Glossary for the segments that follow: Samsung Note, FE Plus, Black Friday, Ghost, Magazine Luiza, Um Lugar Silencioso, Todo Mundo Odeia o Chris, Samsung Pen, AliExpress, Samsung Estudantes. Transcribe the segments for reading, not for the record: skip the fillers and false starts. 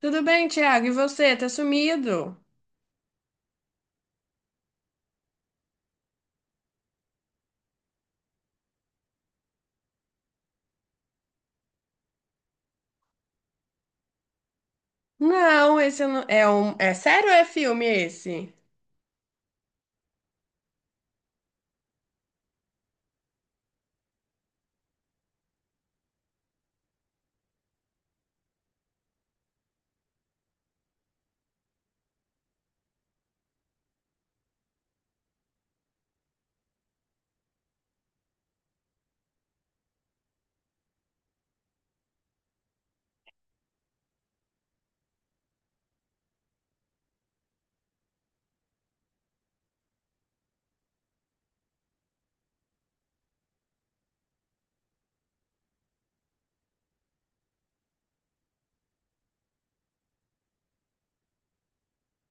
Tudo bem, Thiago? E você? Tá sumido? Não, esse eu não... É um. É sério ou é filme esse?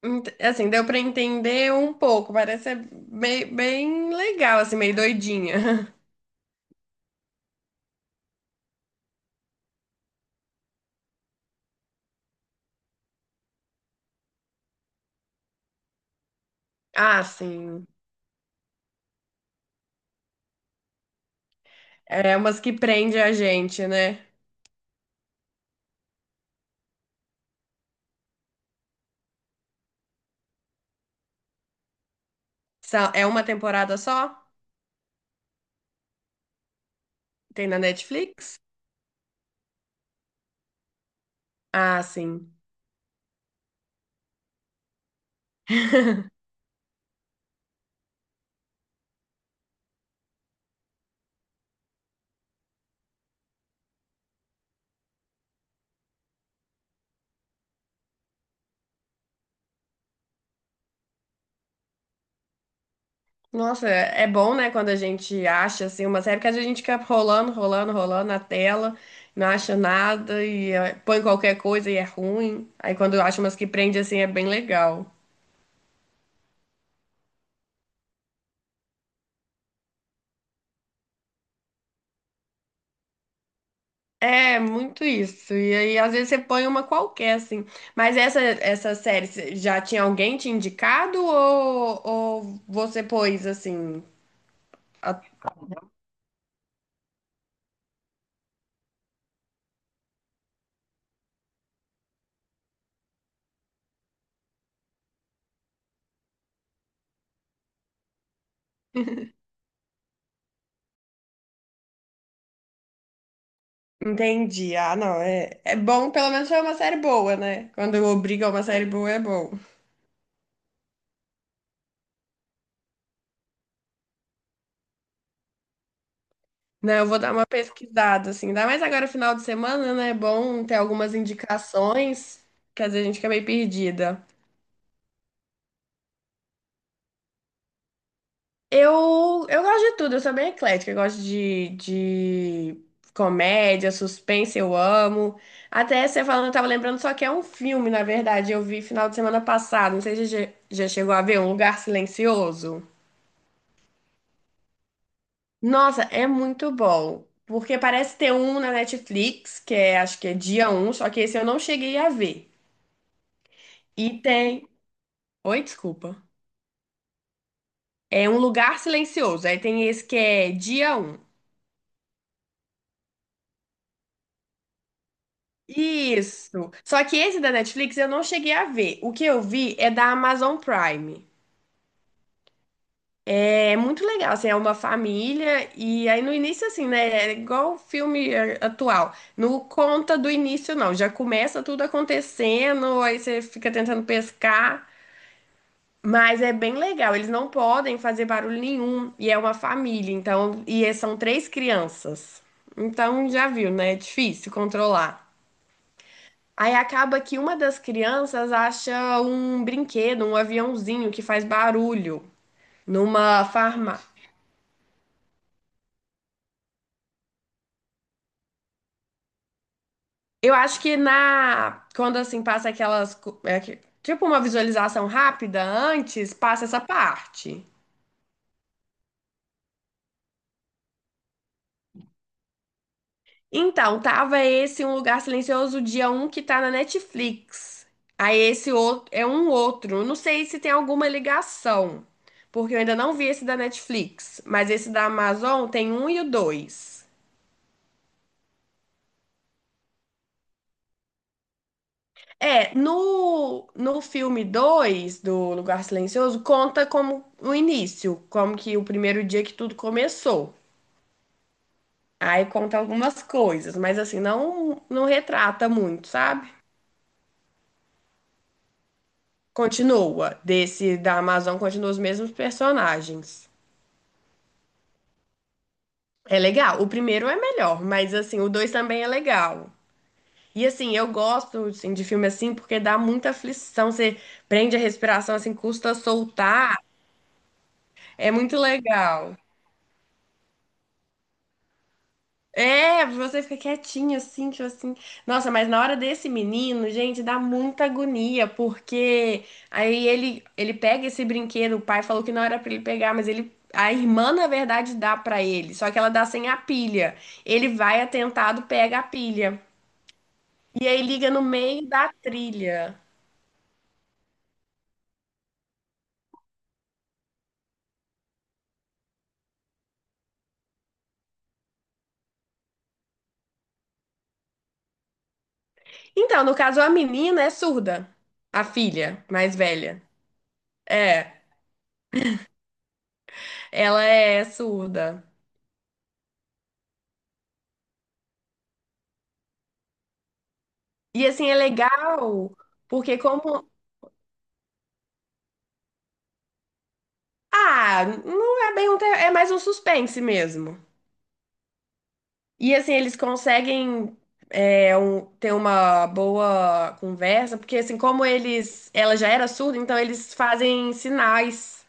Assim, deu pra entender um pouco. Parece ser bem, bem legal, assim, meio doidinha. Ah, sim. É umas que prende a gente, né? São- É uma temporada só? Tem na Netflix? Ah, sim. Nossa, é bom, né, quando a gente acha assim uma série, porque às vezes a gente fica rolando, rolando, rolando na tela, não acha nada e põe qualquer coisa e é ruim. Aí quando acha umas que prende assim é bem legal. É, muito isso. E aí às vezes você põe uma qualquer assim. Mas essa série já tinha alguém te indicado ou você pôs assim? A- Entendi. Ah, não, é bom, pelo menos foi uma série boa, né? Quando obriga uma série boa é bom. Não, eu vou dar uma pesquisada, assim. Ainda mais agora, final de semana, né? É bom ter algumas indicações, que às vezes a gente fica meio perdida. Eu gosto de tudo, eu sou bem eclética. Eu gosto de comédia, suspense, eu amo. Até você falando, eu tava lembrando só que é um filme, na verdade. Eu vi final de semana passado, não sei se você já chegou a ver, Um Lugar Silencioso. Nossa, é muito bom. Porque parece ter um na Netflix, que é, acho que é dia um só que esse eu não cheguei a ver. E tem. Oi, desculpa. É um lugar silencioso. Aí tem esse que é dia um. Isso. Só que esse da Netflix eu não cheguei a ver. O que eu vi é da Amazon Prime. É muito legal, assim, é uma família e aí no início assim, né, é igual o filme atual. Não conta do início não, já começa tudo acontecendo, aí você fica tentando pescar. Mas é bem legal, eles não podem fazer barulho nenhum e é uma família, então, e é- são três crianças. Então já viu, né? É difícil controlar. Aí acaba que uma das crianças acha um brinquedo, um aviãozinho que faz barulho numa farmácia. Eu acho que na quando assim passa aquelas co- é que- tipo uma visualização rápida antes, passa essa parte. Então, tava esse Um Lugar Silencioso, dia um que tá na Netflix. Aí esse outro é um outro. Eu não sei se tem alguma ligação, porque eu ainda não vi esse da Netflix, mas esse da Amazon tem um e o dois. É, no filme 2 do Um Lugar Silencioso, conta como o início, como que o primeiro dia que tudo começou. Aí conta algumas coisas, mas assim, não, não retrata muito, sabe? Continua. Desse da Amazon continua os mesmos personagens. É legal. O primeiro é melhor, mas assim, o dois também é legal. E assim, eu gosto assim, de filme assim porque dá muita aflição. Você prende a respiração, assim, custa soltar. É muito legal. É, você fica quietinho assim, tipo assim. Nossa, mas na hora desse menino, gente, dá muita agonia, porque aí ele pega esse brinquedo, o pai falou que não era pra ele pegar, mas ele a irmã na verdade dá pra ele, só que ela dá sem a pilha. Ele vai atentado, pega a pilha e aí liga no meio da trilha. Então, no caso a menina é surda, a filha mais velha. É, ela é surda. E assim é legal, porque como Ah, não é bem um terror, é mais um suspense mesmo. E assim, eles conseguem ter uma boa conversa, porque assim, como eles, ela já era surda, então eles fazem sinais.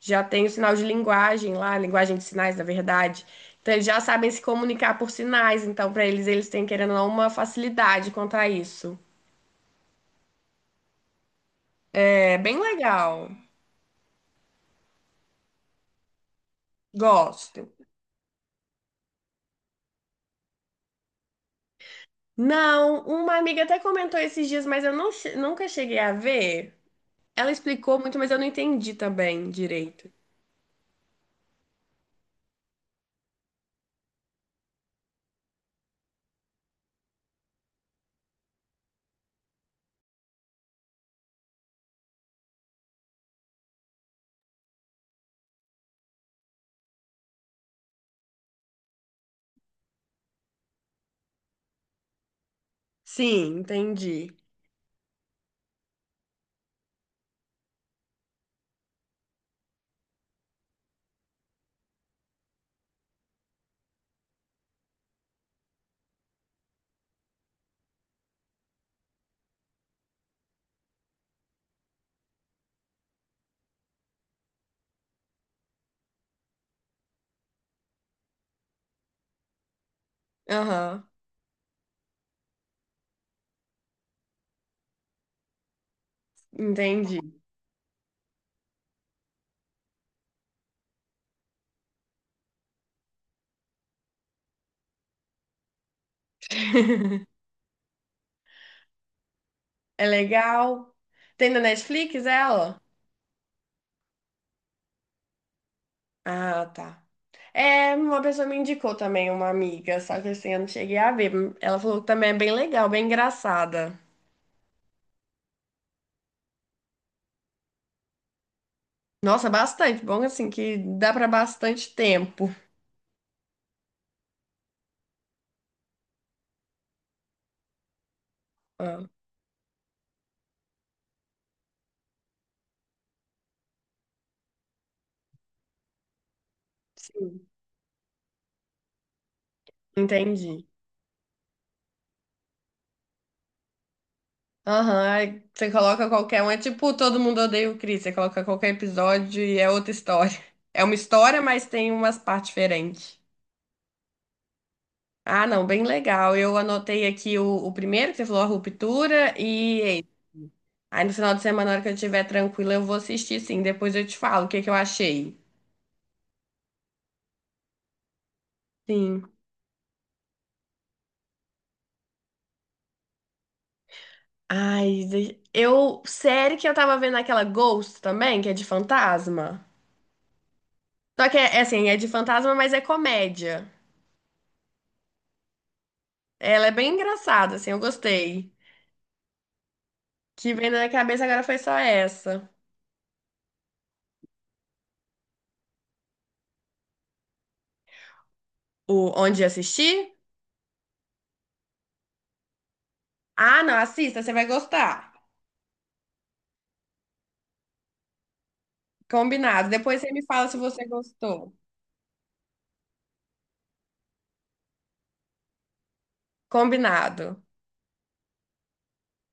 Já tem o sinal de linguagem lá, linguagem de sinais, na verdade. Então eles já sabem se comunicar por sinais, então pra eles têm querendo ou não uma facilidade quanto a isso. É bem legal. Gosto. Não, uma amiga até comentou esses dias, mas eu não nunca cheguei a ver. Ela explicou muito, mas eu não entendi também direito. Sim, entendi. Aham, entendi. É legal. Tem na Netflix ela? Ah, tá. É, uma pessoa me indicou também, uma amiga, só que assim, eu não cheguei a ver. Ela falou que também é bem legal, bem engraçada. Nossa, bastante. Bom, assim, que dá pra bastante tempo. Ah, sim, entendi. Aham, aí você coloca qualquer um. É tipo Todo Mundo Odeia o Chris. Você coloca qualquer episódio e é outra história. É uma história, mas tem umas partes diferentes. Ah, não, bem legal. Eu anotei aqui o primeiro, que você falou, a ruptura, e esse. Aí no final de semana, na hora que eu estiver tranquila, eu vou assistir sim. Depois eu te falo o que que eu achei. Sim. Ai, eu. Série que eu tava vendo aquela Ghost também, que é de fantasma. Só que é assim, é de, fantasma, mas é comédia. Ela é bem engraçada, assim, eu gostei. Que vem na minha cabeça agora foi só essa. O onde assistir? Ah, não, assista, você vai gostar. Combinado. Depois você me fala se você gostou. Combinado.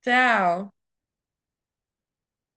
Tchau.